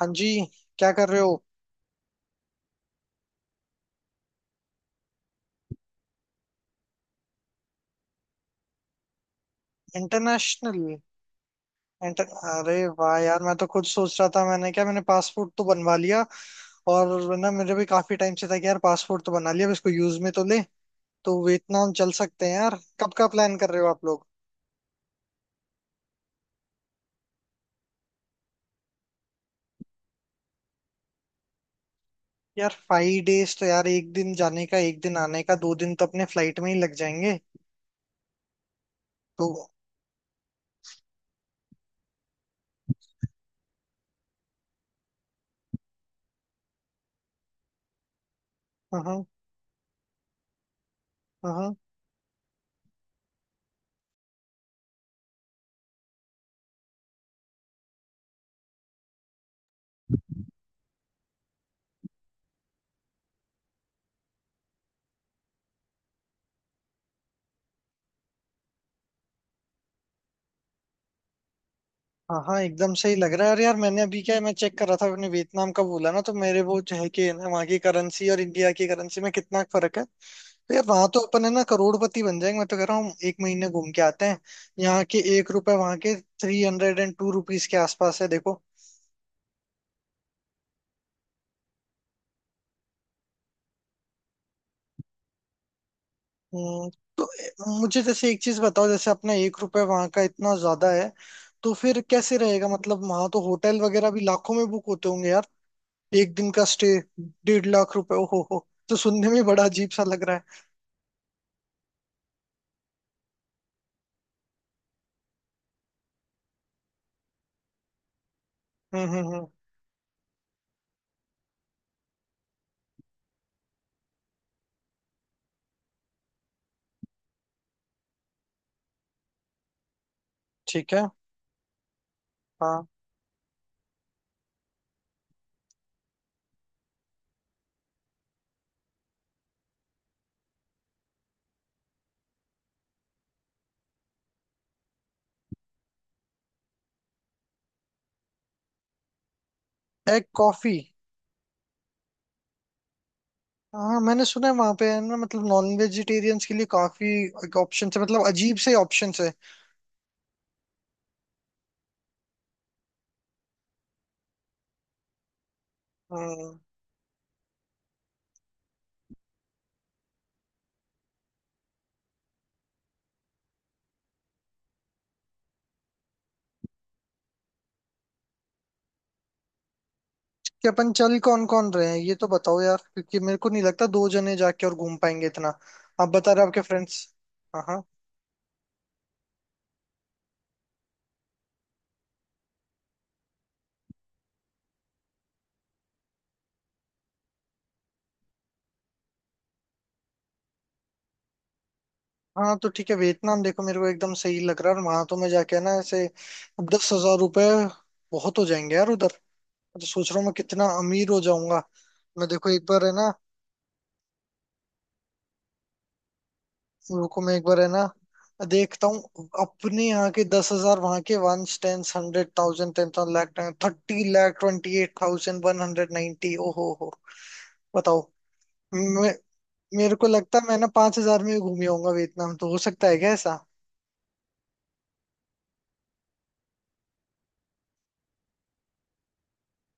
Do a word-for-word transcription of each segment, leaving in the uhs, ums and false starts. हाँ जी। क्या कर रहे हो? इंटरनेशनल। इंटर अरे वाह यार, मैं तो खुद सोच रहा था। मैंने क्या, मैंने पासपोर्ट तो बनवा लिया। और ना, मेरे भी काफी टाइम से था कि यार पासपोर्ट तो बना लिया, अब इसको यूज में तो ले। तो वियतनाम चल सकते हैं यार। कब का प्लान कर रहे हो आप लोग? यार फाइव डेज तो यार, एक दिन जाने का, एक दिन आने का, दो दिन तो अपने फ्लाइट में ही लग जाएंगे। तो हाँ हाँ हाँ। हाँ हाँ, एकदम सही लग रहा है। और यार, मैंने अभी क्या है, मैं चेक कर रहा था अपने वियतनाम का बोला ना, तो मेरे वो जो है कि है ना, वहाँ की करेंसी और इंडिया की करेंसी में कितना फर्क है। तो यार वहां तो अपन है ना करोड़पति बन जाएंगे। मैं तो कह रहा हूँ एक महीने घूम के आते हैं। यहाँ के एक रुपए वहाँ के three hundred and two rupees के आसपास है देखो। हम्म, तो ए- मुझे जैसे एक चीज बताओ, जैसे अपना एक रुपए वहाँ का इतना ज्यादा है, तो फिर कैसे रहेगा? मतलब वहां तो होटल वगैरह भी लाखों में बुक होते होंगे यार। एक दिन का स्टे डेढ़ लाख रुपए! ओहो हो, तो सुनने में बड़ा अजीब सा लग रहा है। हम्म हम्म हम्म। ठीक है। हाँ। Egg coffee? हाँ मैंने सुना है वहां पे है ना, मतलब नॉन वेजिटेरियंस के लिए काफी ऑप्शन है, मतलब अजीब से ऑप्शन है। हम्म। कि अपन चल कौन कौन रहे हैं ये तो बताओ यार, क्योंकि मेरे को नहीं लगता दो जने जाके और घूम पाएंगे इतना। आप बता रहे हो आपके फ्रेंड्स। हाँ हाँ। हाँ तो ठीक है, वियतनाम देखो मेरे को एकदम सही लग रहा है। और वहां तो मैं जाके ना ऐसे दस हजार रुपये बहुत हो जाएंगे यार उधर। तो सोच रहा हूँ मैं कितना अमीर हो जाऊंगा। मैं देखो एक बार है ना, रुको मैं एक बार है ना देखता हूँ अपने यहाँ के दस हजार वहां के। One ten hundred thousand, ten thousand, lakh, thirty lakh twenty eight thousand one hundred ninety. ओ हो हो बताओ। मैं, मेरे को लगता है मैं ना पांच हजार में ही घूम आऊंगा वियतनाम। तो हो सकता है क्या ऐसा?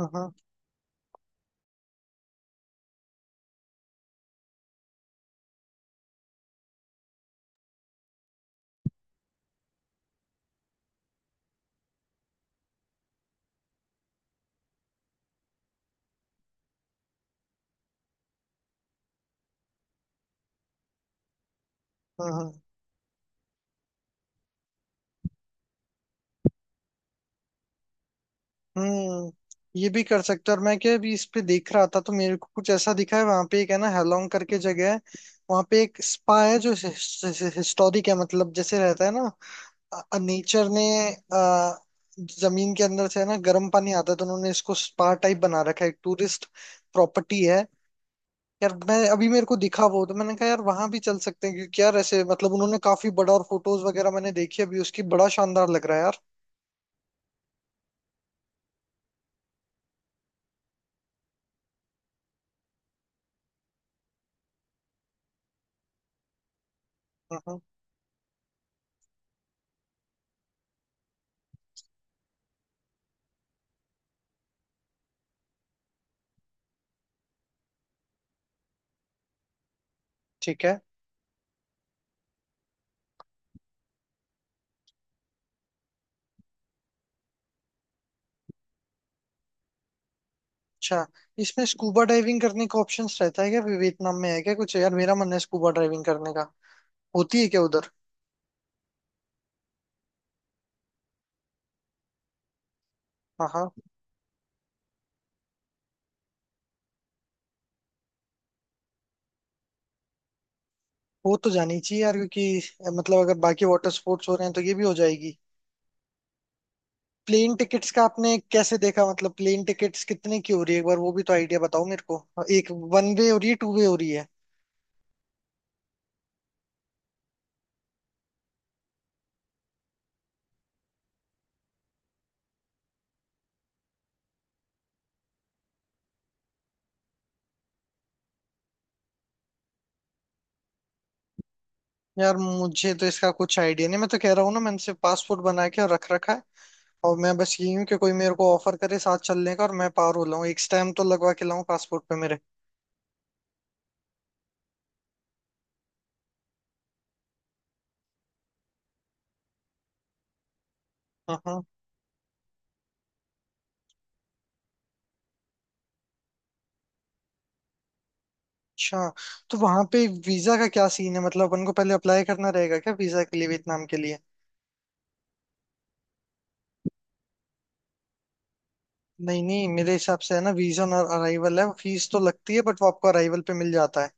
हाँ हाँ। हाँ हाँ। हम्म ये भी कर सकते हो। और मैं क्या अभी इस पे देख रहा था, तो मेरे को कुछ ऐसा दिखा है वहां पे, एक है ना हेलोंग करके जगह है, वहां पे एक स्पा है जो हिस्टोरिक है। मतलब जैसे रहता है ना, नेचर ने अ, जमीन के अंदर से है ना गर्म पानी आता है, तो उन्होंने इसको स्पा टाइप बना रखा है, एक टूरिस्ट प्रॉपर्टी है। यार मैं अभी मेरे को दिखा वो, तो मैंने कहा यार वहां भी चल सकते हैं, क्योंकि यार ऐसे मतलब उन्होंने काफी बड़ा, और फोटोज वगैरह मैंने देखी अभी उसकी, बड़ा शानदार लग रहा है यार। हम्म हम्म, ठीक है। अच्छा, इसमें स्कूबा डाइविंग करने का ऑप्शंस रहता है क्या वियतनाम में? है क्या कुछ? यार मेरा मन है स्कूबा डाइविंग करने का। होती है क्या उधर? हाँ हाँ, वो तो जानी चाहिए यार, क्योंकि अ, मतलब अगर बाकी वाटर स्पोर्ट्स हो रहे हैं तो ये भी हो जाएगी। प्लेन टिकट्स का आपने कैसे देखा? मतलब प्लेन टिकट्स कितने की हो रही है? एक बार वो भी तो आइडिया बताओ मेरे को। अ, एक वन वे हो रही है टू वे हो रही है? यार मुझे तो इसका कुछ आइडिया नहीं, मैं तो कह रहा हूँ ना, मैंने सिर्फ पासपोर्ट बना के और रख रखा है। और मैं बस यही हूँ कि कोई मेरे को ऑफर करे साथ चलने का, और मैं पार हो लाऊं, एक स्टैम्प तो लगवा के लाऊं पासपोर्ट पे मेरे। हाँ हाँ। अच्छा, तो वहां पे वीजा का क्या सीन है? मतलब अपन को पहले अप्लाई करना रहेगा क्या वीजा के लिए वियतनाम के लिए? नहीं नहीं, मेरे हिसाब से है ना, वीजा ऑन अराइवल है, फीस तो लगती है बट वो आपको अराइवल पे मिल जाता है।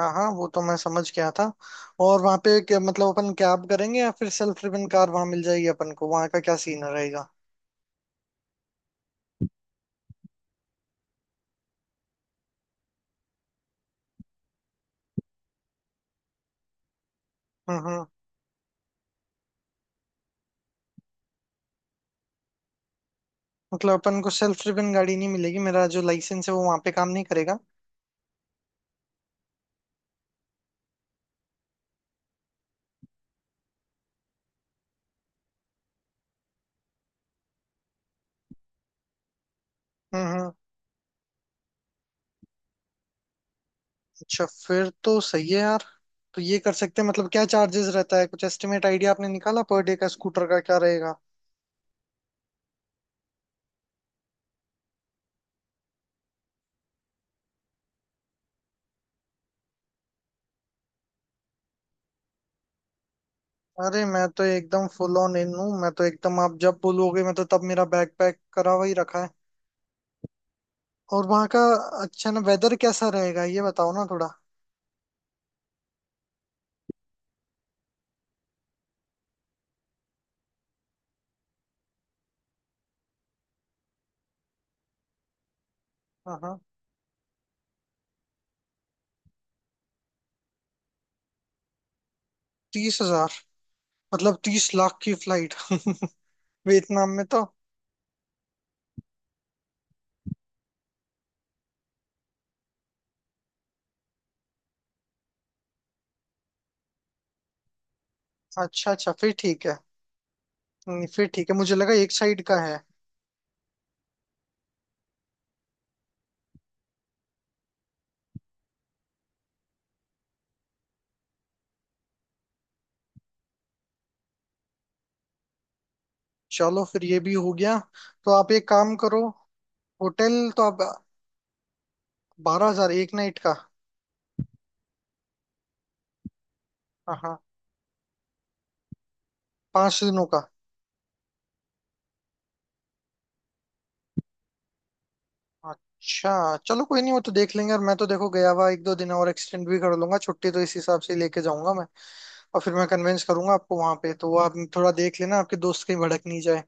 हाँ हाँ, वो तो मैं समझ गया था। और वहां पे क्या- मतलब अपन कैब करेंगे या फिर सेल्फ ड्रिवन कार वहां मिल जाएगी अपन को? वहां का क्या सीन रहेगा? हम्म हम्म। मतलब अपन को सेल्फ ड्रिवन गाड़ी नहीं मिलेगी? मेरा जो लाइसेंस है वो वहां पे काम नहीं करेगा? हम्म हम्म। अच्छा फिर तो सही है यार। तो ये कर सकते हैं। मतलब क्या चार्जेस रहता है? कुछ एस्टिमेट आइडिया आपने निकाला पर डे का, स्कूटर का क्या रहेगा? अरे मैं तो एकदम फुल ऑन इन हूँ। मैं तो एकदम आप जब बोलोगे, मैं तो तब मेरा बैग पैक करा हुआ ही रखा है। और वहाँ का अच्छा ना, वेदर कैसा रहेगा ये बताओ ना थोड़ा। हाँ हाँ, तीस हजार? मतलब तीस लाख की फ्लाइट! वियतनाम में तो। अच्छा अच्छा, फिर ठीक है। हम्म, फिर ठीक है, मुझे लगा एक साइड का है। चलो फिर ये भी हो गया। तो आप एक काम करो। होटल तो आप, बारह हजार एक नाइट का? हाँ हाँ, पांच दिनों का? अच्छा। चलो कोई नहीं, वो तो देख लेंगे। और मैं तो देखो गया हुआ एक दो दिन और एक्सटेंड भी कर लूंगा छुट्टी, तो इस हिसाब से ही लेके जाऊंगा मैं। और फिर मैं कन्विंस करूंगा आपको वहां पे, तो आप थोड़ा देख लेना आपके दोस्त कहीं भड़क नहीं जाए।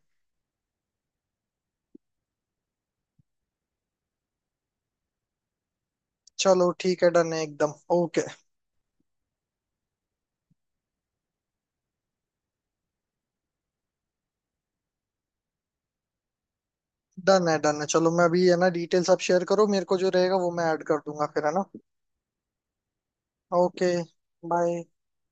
चलो ठीक है, डन है, एकदम ओके। डन है, डन है, चलो मैं अभी है ना, डिटेल्स आप शेयर करो मेरे को, जो रहेगा वो मैं ऐड कर दूंगा फिर है ना। Okay bye.